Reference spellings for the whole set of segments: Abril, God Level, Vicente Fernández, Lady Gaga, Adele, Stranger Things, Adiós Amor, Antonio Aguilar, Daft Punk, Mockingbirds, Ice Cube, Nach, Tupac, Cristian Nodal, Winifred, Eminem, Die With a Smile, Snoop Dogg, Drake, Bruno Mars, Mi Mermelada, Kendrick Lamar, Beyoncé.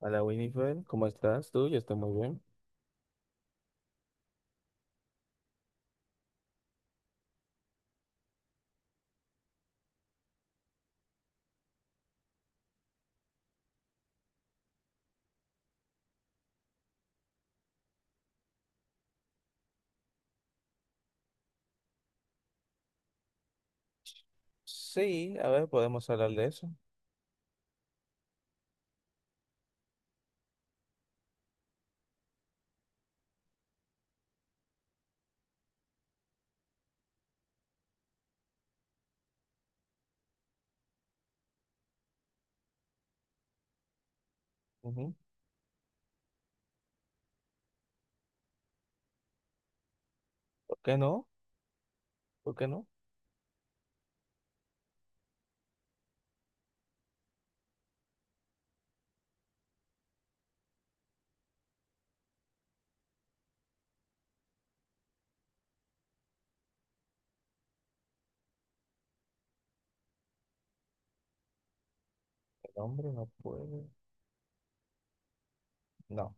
Hola Winifred, ¿cómo estás tú? Yo estoy muy bien. Sí, a ver, podemos hablar de eso. Ujú. ¿Por qué no? ¿Por qué no? El hombre no puede. No.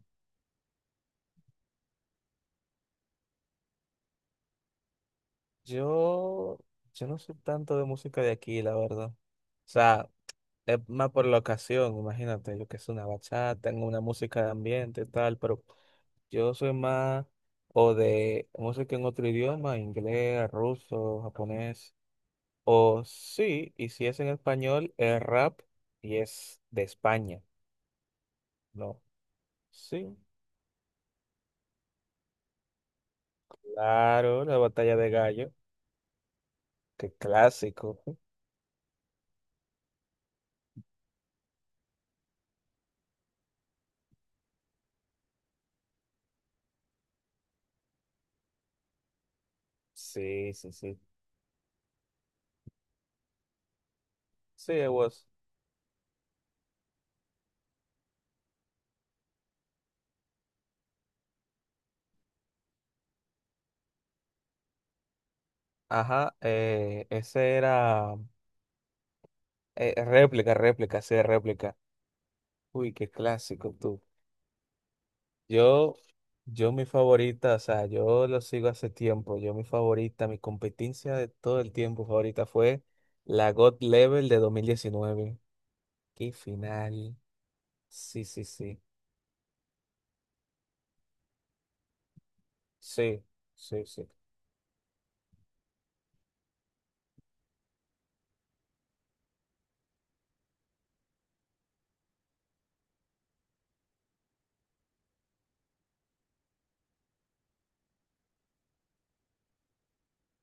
Yo, yo no soy tanto de música de aquí, la verdad. O sea, es más por la ocasión, imagínate, yo que es una bachata, tengo una música de ambiente, y tal, pero yo soy más o de música en otro idioma, inglés, ruso, japonés, o sí, y si es en español, es rap y es de España. No. Sí, claro, la batalla de gallo. Qué clásico. Sí, sí, sí. Sí, it was. Ajá, ese era réplica, réplica, sí, réplica. Uy, qué clásico tú. Yo, yo mi favorita, o sea, yo lo sigo hace tiempo. Yo mi favorita, mi competencia de todo el tiempo favorita fue la God Level de 2019. Qué final. Sí, sí, sí. Sí, sí, sí.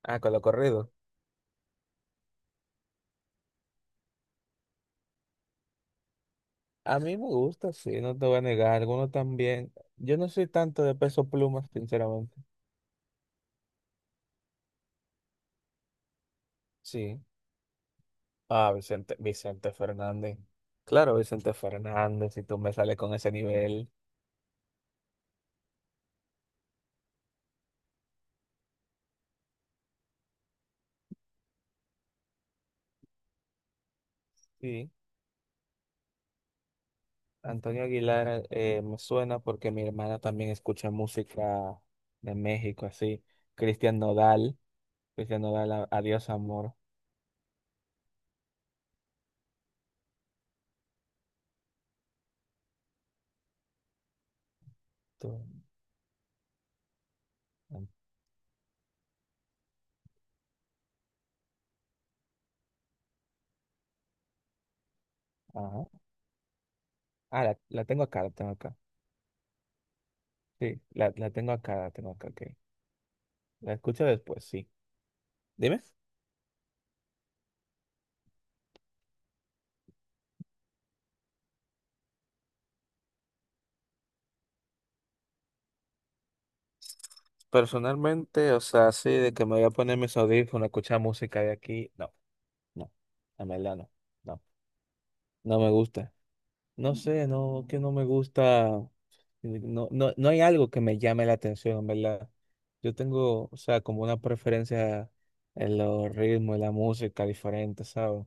Ah, con lo corrido. A mí me gusta, sí, no te voy a negar. Algunos también. Yo no soy tanto de peso pluma, sinceramente. Sí. Ah, Vicente, Vicente Fernández. Claro, Vicente Fernández, si tú me sales con ese nivel. Sí. Antonio Aguilar, me suena porque mi hermana también escucha música de México, así. Cristian Nodal, Cristian Nodal, Adiós Amor. Tú. Ajá. Ah, la tengo acá, la tengo acá. Sí, la tengo acá, ok. La escucho después, sí. Dime. Personalmente, o sea, así de que me voy a poner mis audífonos, escuchar música de aquí, no, no, en verdad no, no, no me gusta. No sé, no, que no me gusta, no, no, no hay algo que me llame la atención, en verdad. Yo tengo, o sea, como una preferencia en los ritmos, en la música diferente, ¿sabes?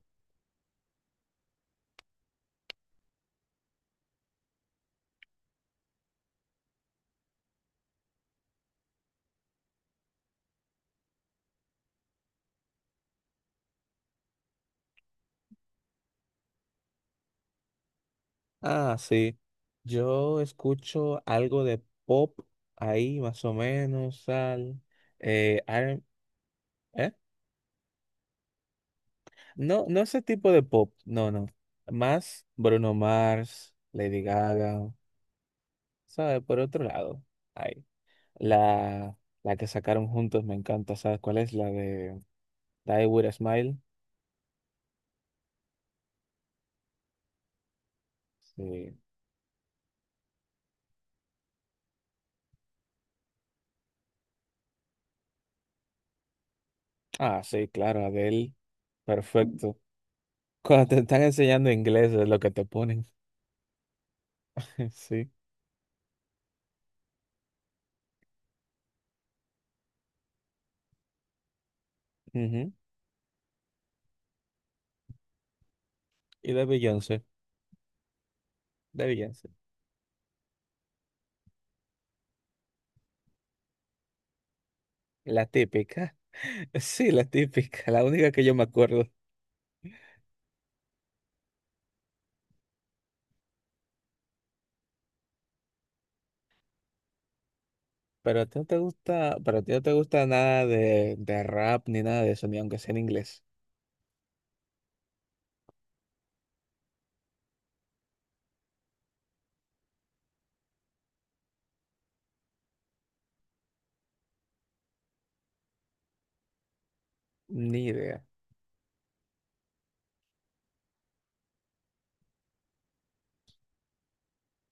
Ah, sí, yo escucho algo de pop ahí, más o menos, al, eh, no, no ese tipo de pop, no, no. Más Bruno Mars, Lady Gaga, ¿sabes? Por otro lado, ay, la, la que sacaron juntos me encanta, ¿sabes cuál es? La de Die With a Smile. Sí. Ah, sí, claro, Adele, perfecto. Cuando te están enseñando inglés es lo que te ponen, sí. Ujú. Y de Beyoncé, de Beyoncé. La típica, sí, la típica, la única que yo me acuerdo. Pero a ti no te gusta, pero a ti no te gusta nada de, de rap ni nada de eso, ni aunque sea en inglés. Ni idea.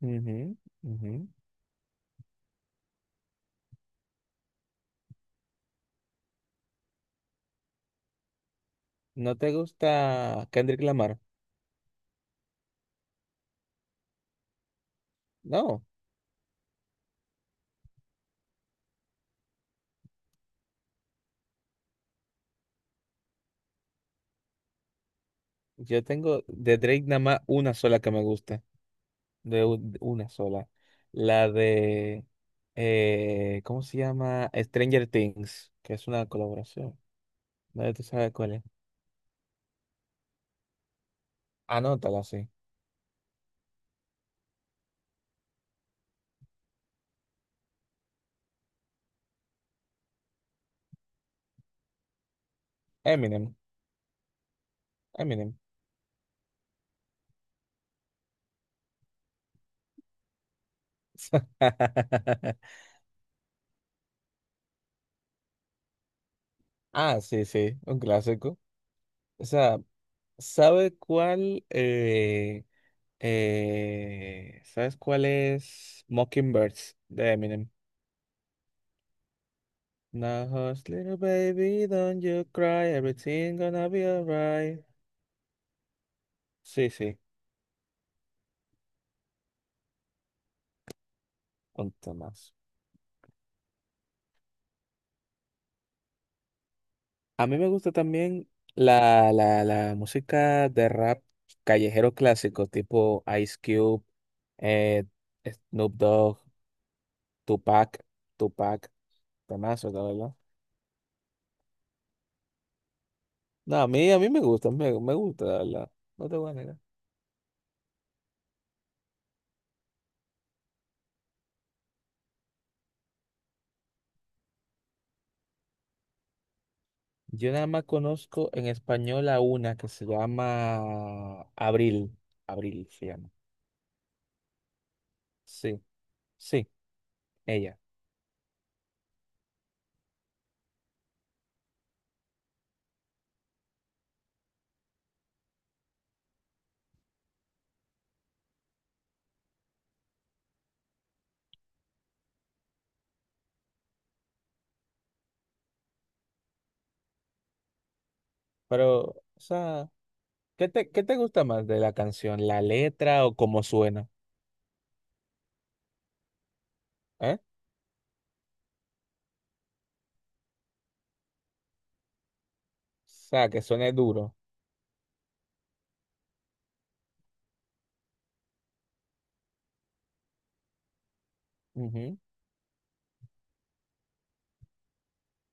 Ujú, ujú. ¿No te gusta Kendrick Lamar? No, yo tengo de Drake nada más una sola que me gusta. De una sola. La de, ¿cómo se llama? Stranger Things, que es una colaboración. Nadie te sabe cuál es. Anótala, sí. Eminem, Eminem. Ah, sí, sí, un clásico. O sea, ¿sabe cuál? ¿Sabes cuál es Mockingbirds de Eminem? Now, hush, little baby, don't you cry, everything gonna be alright. Sí, sí, un más. A mí me gusta también la música de rap callejero clásico, tipo Ice Cube, eh, Snoop Dogg, Tupac, Tupac, temazo, la verdad. No, a mí me gusta, me gusta, la verdad. No te voy a negar. Yo nada más conozco en español a una que se llama Abril. Abril se llama. Sí, sí, ella. Pero, o sea, qué te gusta más de la canción? ¿La letra o cómo suena? ¿Eh? O sea, que suene duro.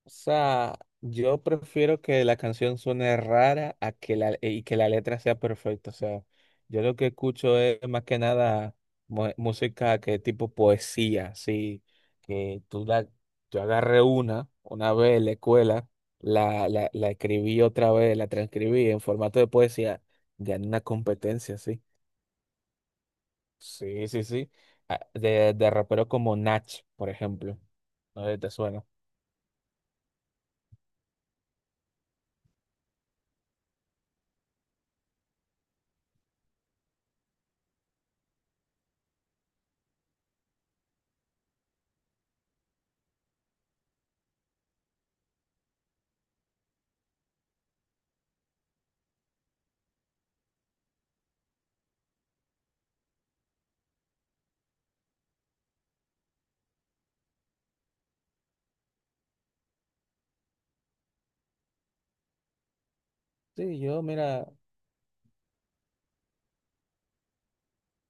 O sea, yo prefiero que la canción suene rara a que la, y que la letra sea perfecta. O sea, yo lo que escucho es más que nada música que tipo poesía, así que tú la, yo agarré una vez en la escuela, la escribí otra vez, la transcribí en formato de poesía, gané una competencia, sí. Sí, sí, sí. Ah, de raperos como Nach, por ejemplo. No sé si te suena. Sí, yo, mira,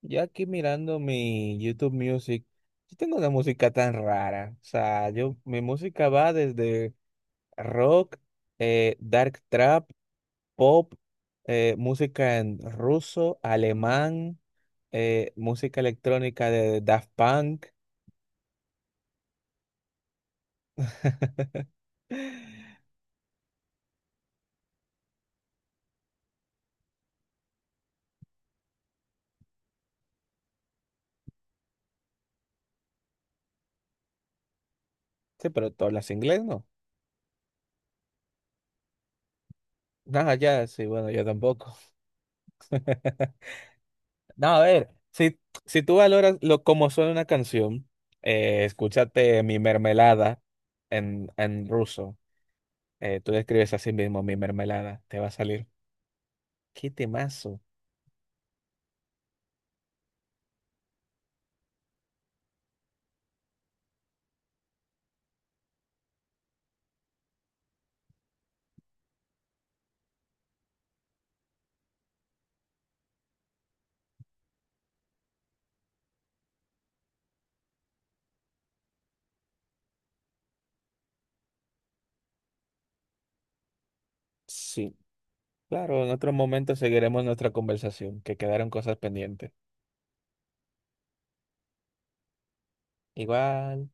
yo aquí mirando mi YouTube Music, yo tengo una música tan rara. O sea, yo, mi música va desde rock, dark trap, pop, música en ruso, alemán, música electrónica de Daft Punk. Sí, pero tú hablas inglés, ¿no? Nada, ya, sí, bueno, yo tampoco. No, a ver, si tú valoras lo como suena una canción, escúchate Mi Mermelada en ruso. Tú describes así mismo mi mermelada, te va a salir. ¡Qué temazo! Sí, claro, en otro momento seguiremos nuestra conversación, que quedaron cosas pendientes. Igual.